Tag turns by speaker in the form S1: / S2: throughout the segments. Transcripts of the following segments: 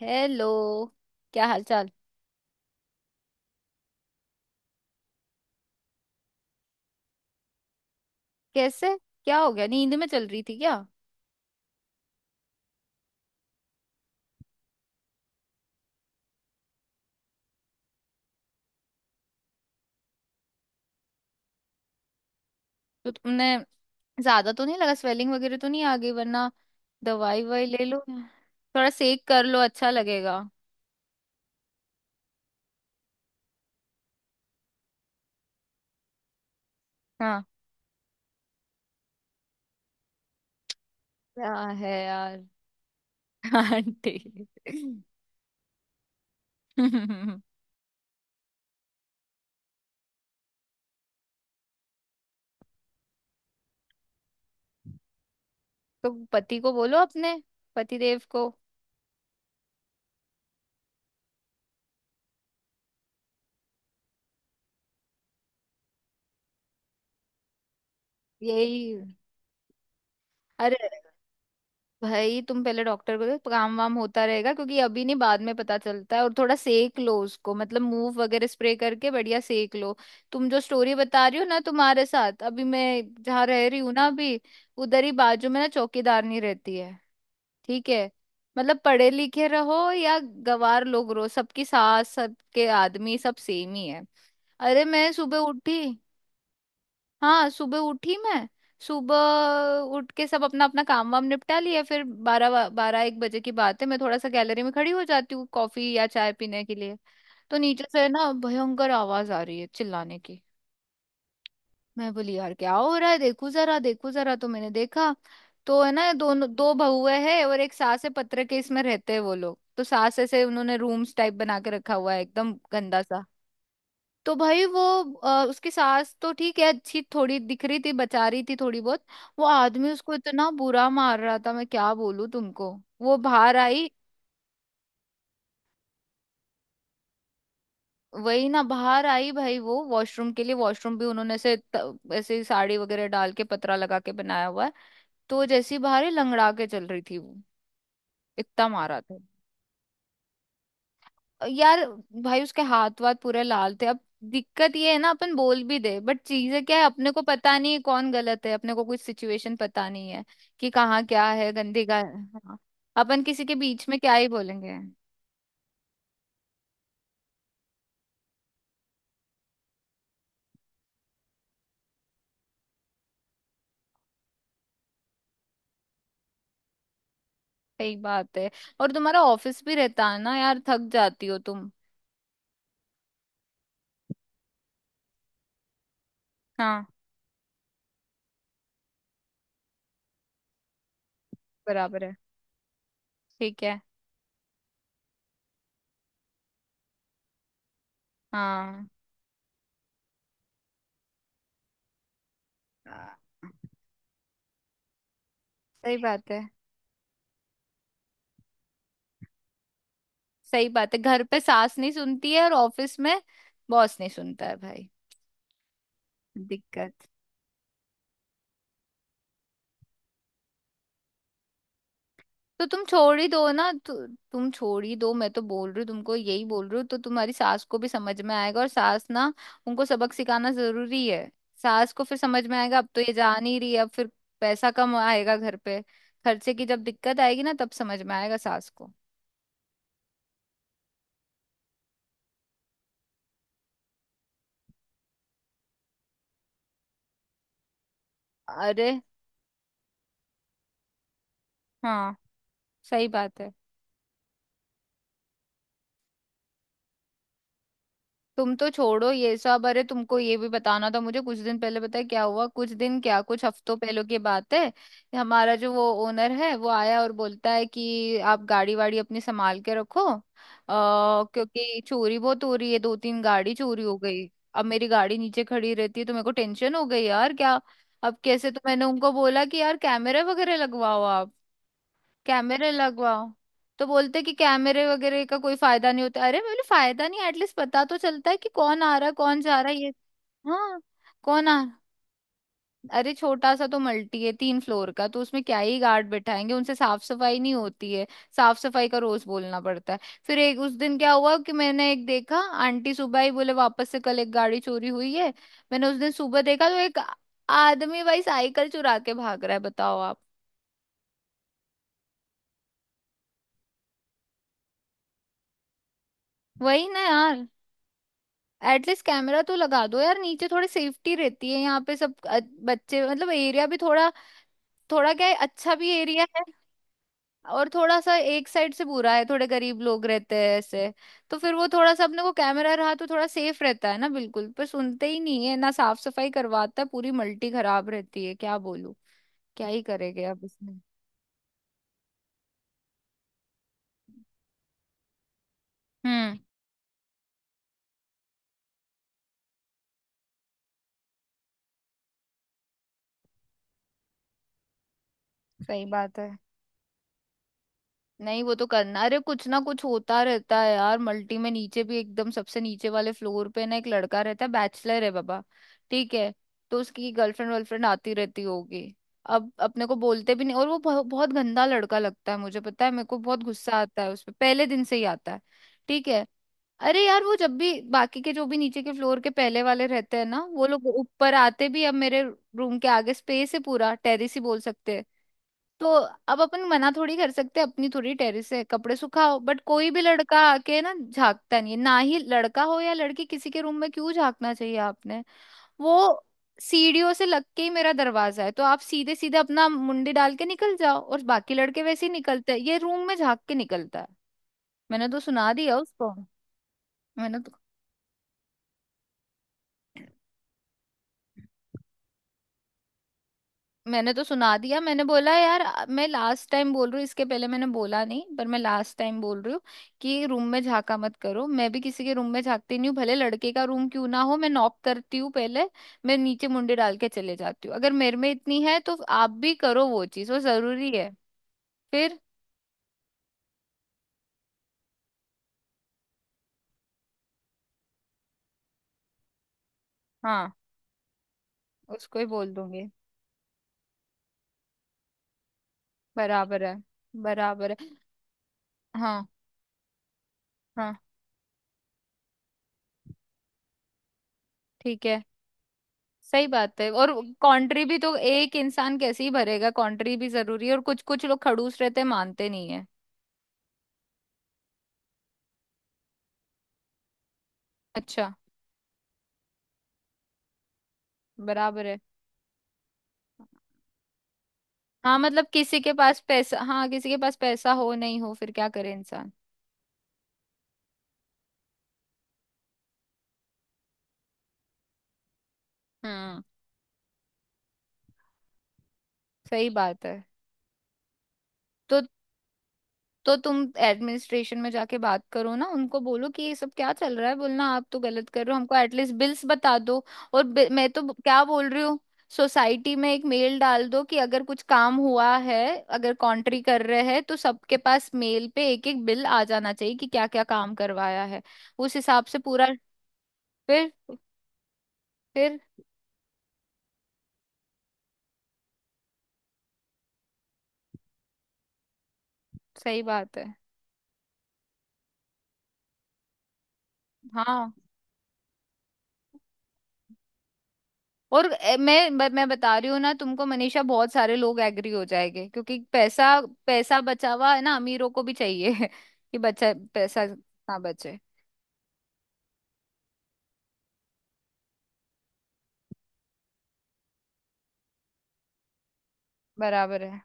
S1: Hello. क्या हाल चाल? कैसे? क्या हो गया, नींद में चल रही थी क्या? तो तुमने ज्यादा तो नहीं लगा, स्वेलिंग वगैरह तो नहीं आ गई? वरना दवाई ववाई ले लो, थोड़ा सेक कर लो, अच्छा लगेगा। हाँ, क्या है यार आंटी तो पति को बोलो अपने, पति देव को। यही, अरे भाई तुम पहले डॉक्टर को देखो, काम वाम होता रहेगा क्योंकि अभी नहीं बाद में पता चलता है, और थोड़ा सेक लो उसको, मतलब मूव वगैरह स्प्रे करके बढ़िया सेक लो। तुम जो स्टोरी बता रही हो ना, तुम्हारे साथ, अभी मैं जहाँ रह रही हूँ ना, अभी उधर ही बाजू में ना चौकीदारनी रहती है, ठीक है। मतलब पढ़े लिखे रहो या गवार लोग रहो, सबकी सास सबके आदमी सब सेम ही है। अरे मैं सुबह उठी, हाँ सुबह उठी मैं। सुबह उठ के सब अपना अपना काम वाम निपटा लिया, फिर बारह बारह एक बजे की बात है, मैं थोड़ा सा गैलरी में खड़ी हो जाती हूँ कॉफी या चाय पीने के लिए। तो नीचे से ना भयंकर आवाज आ रही है चिल्लाने की। मैं बोली यार क्या हो रहा है, देखू जरा, देखू जरा, तो मैंने देखा। तो है ना, दोनों दो बहुए हैं और एक सास है, पत्र के इसमें रहते हैं वो लोग, तो सास ऐसे, उन्होंने रूम्स टाइप बना के रखा हुआ है एकदम गंदा सा। तो भाई वो, उसकी सास तो ठीक है, अच्छी थोड़ी दिख रही थी, बचा रही थी थोड़ी बहुत। वो आदमी उसको इतना बुरा मार रहा था, मैं क्या बोलूं तुमको। वो बाहर आई। वही ना, बाहर आई भाई वो वॉशरूम के लिए, वॉशरूम भी उन्होंने ऐसे ऐसे ही साड़ी वगैरह डाल के पतरा लगा के बनाया हुआ है। तो वो जैसी बाहर ही लंगड़ा के चल रही थी वो, इतना मारा था। यार भाई, उसके हाथ वाथ पूरे लाल थे। अब दिक्कत ये है ना, अपन बोल भी दे, बट चीजें क्या है, अपने को पता नहीं है कौन गलत है, अपने को कोई सिचुएशन पता नहीं है कि कहाँ क्या है गंदी का, हाँ। अपन किसी के बीच में क्या ही बोलेंगे। सही बात है। और तुम्हारा ऑफिस भी रहता है ना यार, थक जाती हो तुम। हाँ, बराबर है, ठीक है। हाँ, हाँ, सही बात है। सही बात है, घर पे सास नहीं सुनती है और ऑफिस में बॉस नहीं सुनता है भाई। दिक्कत, तो तुम छोड़ ही दो ना, तुम छोड़ ही दो, मैं तो बोल रही हूँ तुमको, यही बोल रही हूँ, तो तुम्हारी सास को भी समझ में आएगा। और सास ना, उनको सबक सिखाना जरूरी है। सास को फिर समझ में आएगा, अब तो ये जा नहीं रही है, अब फिर पैसा कम आएगा घर पे। खर्चे की जब दिक्कत आएगी ना, तब समझ में आएगा सास को। अरे, हाँ, सही बात है। तुम तो छोड़ो ये सब। अरे तुमको ये भी बताना था मुझे, कुछ दिन पहले, पता है क्या हुआ? कुछ दिन क्या, कुछ हफ्तों पहले की बात है। हमारा जो वो ओनर है वो आया और बोलता है कि आप गाड़ी वाड़ी अपनी संभाल के रखो, क्योंकि चोरी बहुत हो रही है, दो तीन गाड़ी चोरी हो गई। अब मेरी गाड़ी नीचे खड़ी रहती है, तो मेरे को टेंशन हो गई यार, क्या अब कैसे। तो मैंने उनको बोला कि यार कैमरे वगैरह लगवाओ आप, कैमरे लगवाओ। तो बोलते कि कैमरे वगैरह का कोई फायदा नहीं होता। अरे मैं बोली फायदा नहीं, एटलीस्ट पता तो चलता है कि कौन आ रहा है कौन जा रहा है, ये। हाँ, कौन आ, अरे छोटा सा तो मल्टी है, तीन फ्लोर का, तो उसमें क्या ही गार्ड बैठाएंगे, उनसे साफ सफाई नहीं होती है, साफ सफाई का रोज बोलना पड़ता है। फिर एक उस दिन क्या हुआ कि मैंने एक देखा, आंटी सुबह ही बोले वापस से कल एक गाड़ी चोरी हुई है। मैंने उस दिन सुबह देखा तो एक आदमी भाई साइकिल चुरा के भाग रहा है, बताओ आप। वही ना यार, एटलीस्ट कैमरा तो लगा दो यार, नीचे थोड़ी सेफ्टी रहती है। यहाँ पे सब बच्चे, मतलब एरिया भी थोड़ा, थोड़ा क्या है, अच्छा भी एरिया है, और थोड़ा सा एक साइड से बुरा है, थोड़े गरीब लोग रहते हैं ऐसे। तो फिर वो थोड़ा सा अपने को कैमरा रहा तो थोड़ा सेफ रहता है ना, बिल्कुल, पर सुनते ही नहीं है ना। साफ सफाई करवाता है, पूरी मल्टी खराब रहती है, क्या बोलूं, क्या ही करेंगे अब इसमें। हम्म, सही बात है। नहीं वो तो करना। अरे कुछ ना कुछ होता रहता है यार, मल्टी में नीचे भी, एकदम सबसे नीचे वाले फ्लोर पे ना एक लड़का रहता है, बैचलर है बाबा, ठीक है। तो उसकी गर्लफ्रेंड वर्लफ्रेंड आती रहती होगी, अब अपने को बोलते भी नहीं, और वो बहुत गंदा लड़का लगता है, मुझे पता है, मेरे को बहुत गुस्सा आता है उस पे, पहले दिन से ही आता है, ठीक है। अरे यार वो जब भी, बाकी के जो भी नीचे के फ्लोर के पहले वाले रहते हैं ना, वो लोग ऊपर आते भी, अब मेरे रूम के आगे स्पेस है, पूरा टेरेस ही बोल सकते हैं। तो अब अपन मना थोड़ी कर सकते, अपनी थोड़ी टेरिस है, कपड़े सुखाओ, बट कोई भी लड़का आके ना झांकता नहीं है। ना ही लड़का हो या लड़की, किसी के रूम में क्यों झांकना चाहिए आपने? वो सीढ़ियों से लग के ही मेरा दरवाजा है, तो आप सीधे सीधे अपना मुंडी डाल के निकल जाओ, और बाकी लड़के वैसे ही निकलते हैं, ये रूम में झांक के निकलता है। मैंने तो सुना दिया उसको। मैंने तो मैंने तो सुना दिया, मैंने बोला यार मैं लास्ट टाइम बोल रही हूँ, इसके पहले मैंने बोला नहीं, पर मैं लास्ट टाइम बोल रही हूँ कि रूम में झांका मत करो। मैं भी किसी के रूम में झांकती नहीं हूँ, भले लड़के का रूम क्यों ना हो, मैं नॉक करती हूँ पहले। मैं नीचे मुंडे डाल के चले जाती हूँ, अगर मेरे में इतनी है तो आप भी करो वो चीज, वो जरूरी है। फिर हाँ, उसको ही बोल दूंगी। बराबर है, बराबर है। हाँ, हाँ, ठीक है, सही बात है। और कॉन्ट्री भी तो एक इंसान कैसे ही भरेगा, कॉन्ट्री भी जरूरी है, और कुछ कुछ लोग खड़ूस रहते हैं, मानते नहीं है। अच्छा, बराबर है। हाँ मतलब किसी के पास पैसा, हाँ किसी के पास पैसा हो नहीं हो, फिर क्या करे इंसान। हम्म, सही बात है। तो तो तुम एडमिनिस्ट्रेशन में जाके बात करो ना, उनको बोलो कि ये सब क्या चल रहा है, बोलना आप तो गलत कर रहे हो हमको, एटलीस्ट बिल्स बता दो। और मैं तो क्या बोल रही हूँ, सोसाइटी में एक मेल डाल दो कि अगर कुछ काम हुआ है, अगर कॉन्ट्री कर रहे हैं तो सबके पास मेल पे एक एक बिल आ जाना चाहिए कि क्या क्या काम करवाया है, उस हिसाब से पूरा। फिर, फिर सही बात है। हाँ और मैं मैं बता रही हूँ ना तुमको मनीषा, बहुत सारे लोग एग्री हो जाएंगे, क्योंकि पैसा, पैसा बचा हुआ है ना, अमीरों को भी चाहिए कि बच्चा पैसा ना बचे। बराबर है,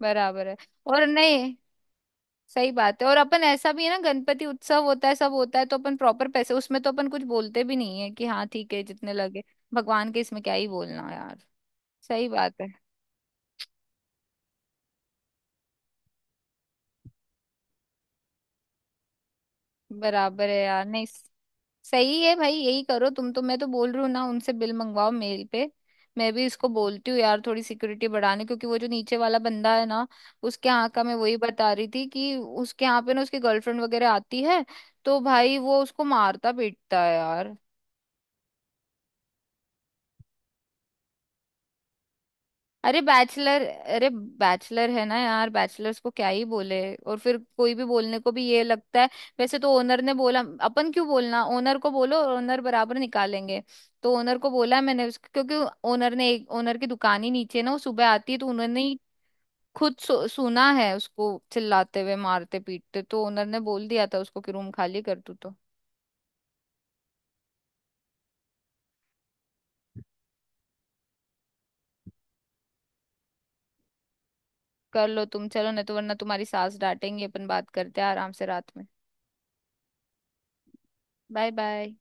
S1: बराबर है। और नहीं, सही बात है। और अपन ऐसा भी है ना, गणपति उत्सव होता है, सब होता है, तो अपन प्रॉपर पैसे, उसमें तो अपन कुछ बोलते भी नहीं है कि हाँ ठीक है जितने लगे, भगवान के इसमें क्या ही बोलना यार। सही बात है। बराबर है यार, नहीं सही है भाई, यही करो तुम तो। मैं तो बोल रही हूँ ना उनसे बिल मंगवाओ मेल पे। मैं भी इसको बोलती हूँ यार थोड़ी सिक्योरिटी बढ़ाने, क्योंकि वो जो नीचे वाला बंदा है ना, उसके यहाँ का मैं वही बता रही थी, कि उसके यहाँ पे ना उसकी गर्लफ्रेंड वगैरह आती है, तो भाई वो उसको मारता पीटता है यार। अरे बैचलर, अरे बैचलर है ना यार, बैचलर्स को क्या ही बोले, और फिर कोई भी बोलने को भी ये लगता है वैसे, तो ओनर ने बोला, अपन क्यों बोलना, ओनर को बोलो और ओनर बराबर निकालेंगे। तो ओनर को बोला मैंने उसको, क्योंकि ओनर ने एक, ओनर की दुकान ही नीचे है ना, वो सुबह आती है, तो उन्होंने ही खुद सुना है उसको चिल्लाते हुए मारते पीटते, तो ओनर ने बोल दिया था उसको कि रूम खाली कर तू तो। कर लो तुम चलो, नहीं तो वरना तुम्हारी सास डांटेंगी, अपन बात करते हैं आराम से रात में। Bye bye.